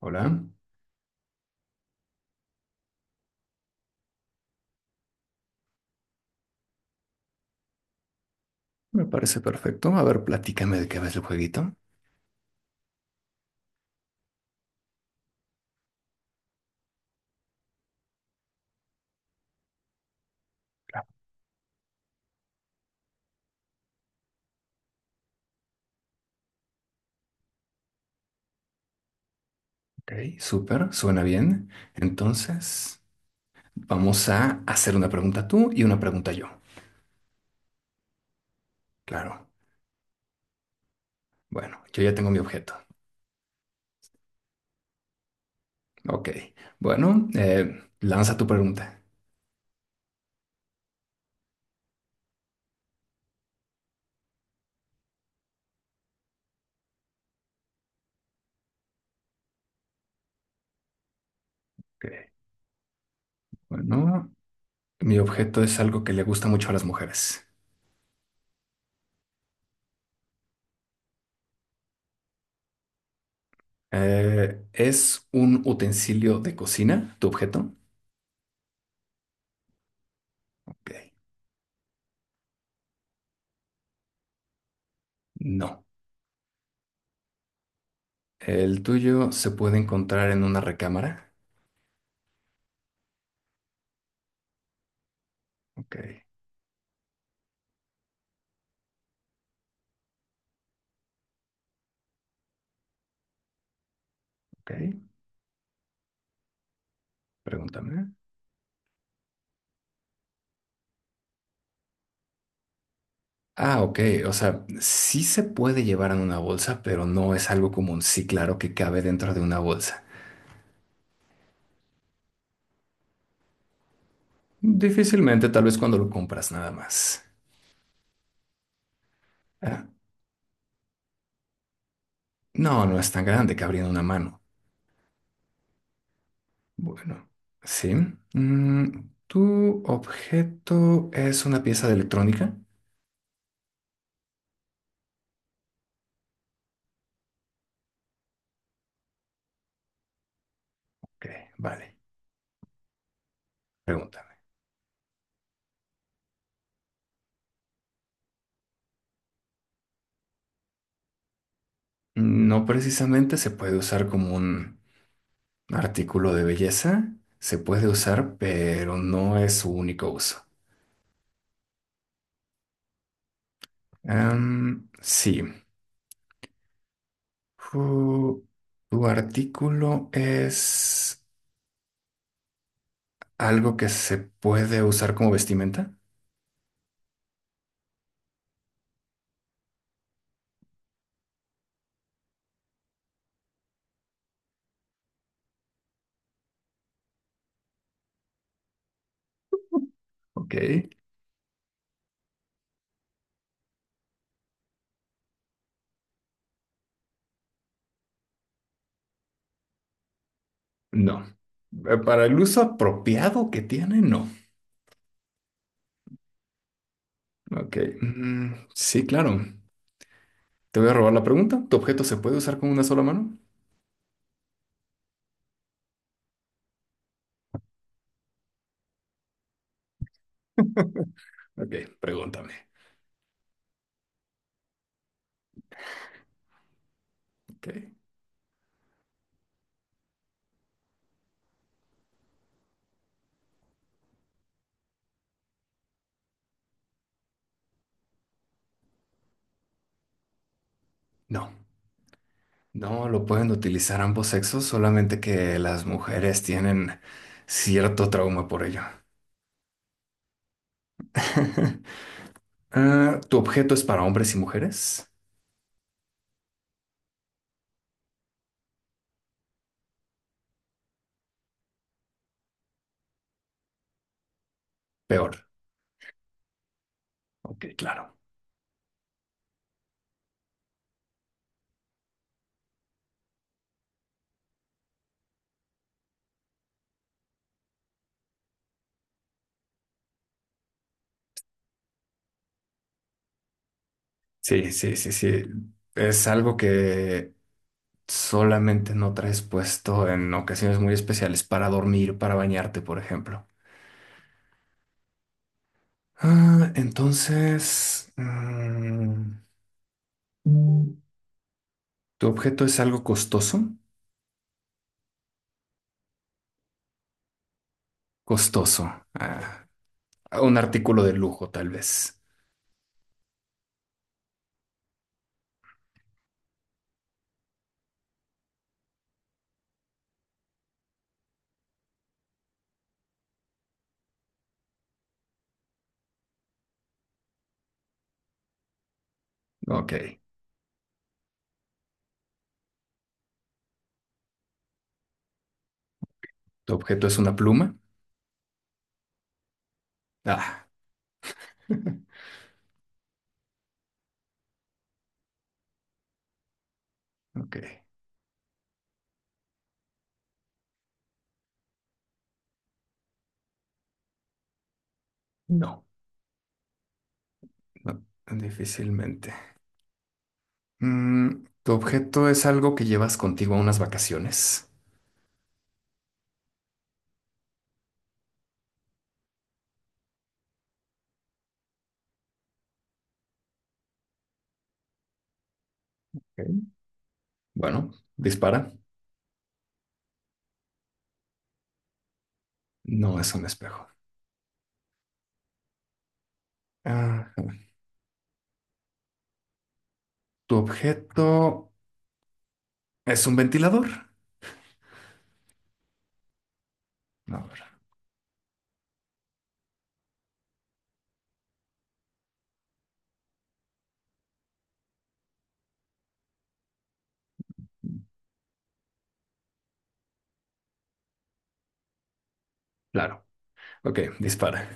Hola, me parece perfecto. A ver, platícame de qué ves el jueguito. Ok, súper, suena bien. Entonces, vamos a hacer una pregunta tú y una pregunta yo. Claro, bueno, yo ya tengo mi objeto. Ok, bueno, lanza tu pregunta. Ok, bueno, mi objeto es algo que le gusta mucho a las mujeres. ¿Es un utensilio de cocina tu objeto? Ok, no. ¿El tuyo se puede encontrar en una recámara? Ok, ok. Pregúntame. Ah, ok. O sea, sí se puede llevar en una bolsa, pero no es algo común. Sí, claro que cabe dentro de una bolsa. Difícilmente, tal vez cuando lo compras nada más. Ah, no, no es tan grande, cabría en una mano. Bueno, sí. ¿Tu objeto es una pieza de electrónica? Ok, vale. Pregúntame. No precisamente se puede usar como un artículo de belleza. Se puede usar, pero no es su único uso. Sí. Ju- ¿Tu artículo es algo que se puede usar como vestimenta? Ok. No. Para el uso apropiado que tiene, no. Ok. Mm, sí, claro. Te voy a robar la pregunta. ¿Tu objeto se puede usar con una sola mano? Ok, pregúntame. Ok. No. No lo pueden utilizar ambos sexos, solamente que las mujeres tienen cierto trauma por ello. Ah, ¿tu objeto es para hombres y mujeres? Peor. Ok, claro. Sí, sí, sí, sí. Es algo que solamente no traes puesto en ocasiones muy especiales para dormir, para bañarte, por ejemplo. Ah, entonces, ¿tu objeto es algo costoso? Costoso. Ah, un artículo de lujo, tal vez. Ok. ¿Tu objeto es una pluma? Ah, ok. No, no, difícilmente. ¿Tu objeto es algo que llevas contigo a unas vacaciones? Ok. Bueno, dispara. No es un espejo. Ah, ¿tu objeto es un ventilador? No, ¿verdad? Claro. Ok, dispara.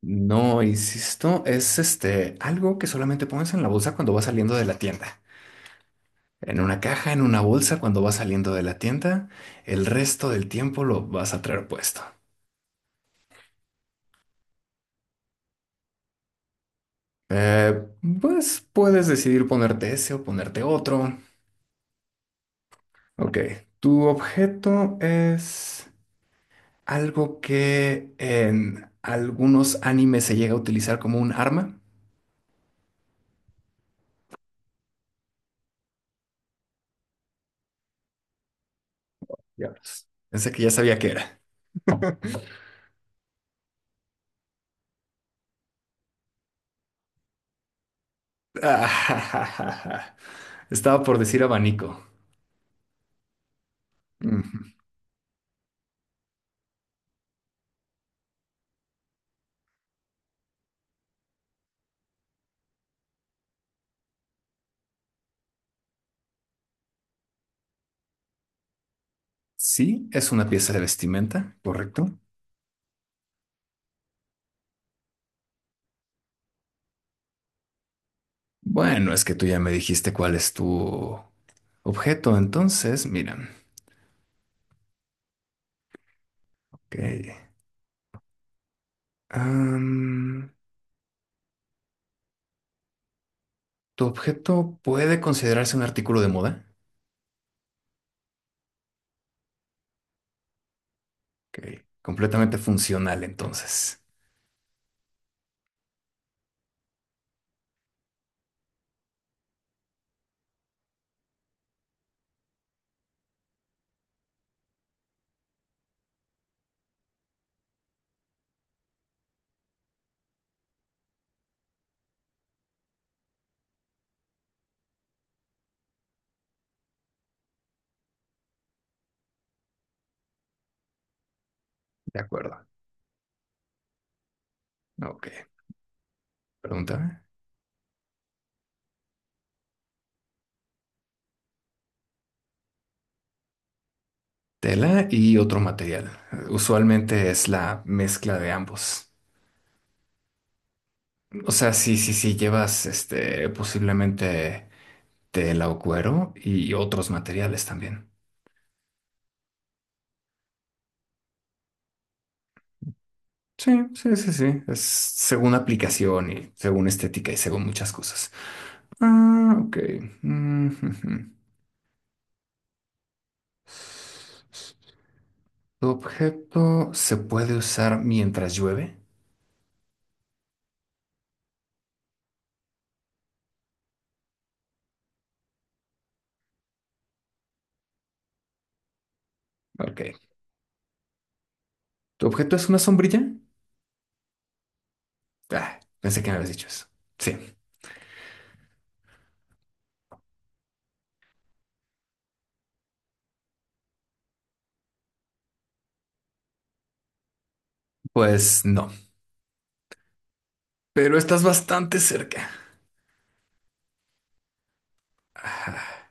No, insisto, es este algo que solamente pones en la bolsa cuando vas saliendo de la tienda. En una caja, en una bolsa, cuando vas saliendo de la tienda, el resto del tiempo lo vas a traer puesto. Eh, pues puedes decidir ponerte ese o ponerte otro. Ok, tu objeto es algo que en algunos animes se llega a utilizar como un arma. Diablos. Pensé que ya sabía qué era. Estaba por decir abanico. Ujú. Sí, es una pieza de vestimenta, correcto. Bueno, es que tú ya me dijiste cuál es tu objeto, entonces, mira, ok. Am, ¿Tu objeto puede considerarse un artículo de moda? Ok, completamente funcional entonces. De acuerdo. Ok, pregúntame. Tela y otro material. Usualmente es la mezcla de ambos. O sea, sí, sí, sí, llevas este posiblemente tela o cuero y otros materiales también. Sí, sí, sí, sí. Es según aplicación y según estética y según muchas cosas. Ah, ok. Mm, ujú. ¿Tu objeto se puede usar mientras llueve? Ok. ¿Tu objeto es una sombrilla? Ah, pensé que me habías dicho eso. Sí, pues no. Pero estás bastante cerca. Ah,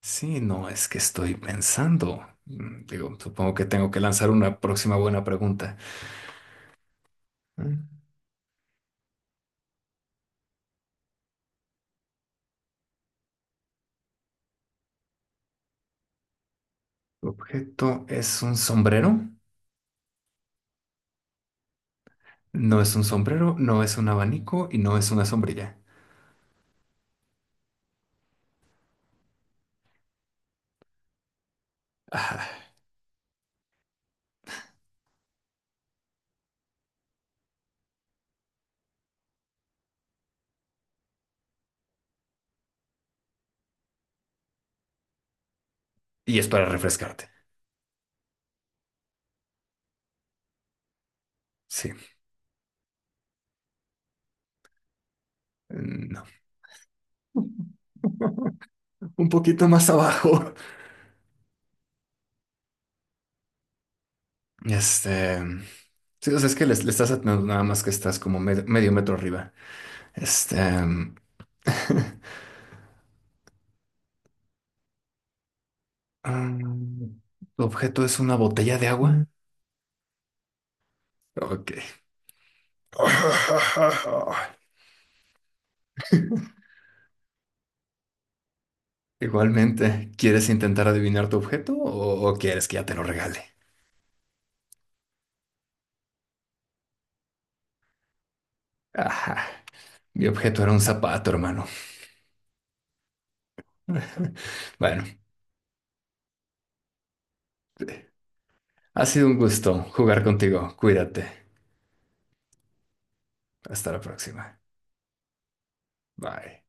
sí, no, es que estoy pensando. Digo, supongo que tengo que lanzar una próxima buena pregunta. Mm, ¿Tu objeto es un sombrero? No es un sombrero, no es un abanico y no es una sombrilla. Ah, y es para refrescarte. Sí, no. Un poquito más abajo. Este, sí, o sea, es que le estás atinando nada más que estás como medio metro arriba. Este, mm, ¿tu objeto es una botella de agua? Ok. Igualmente, ¿quieres intentar adivinar tu objeto o quieres que ya te lo regale? Ajá, mi objeto era un zapato, hermano. Bueno, ha sido un gusto jugar contigo. Cuídate. Hasta la próxima. Bye.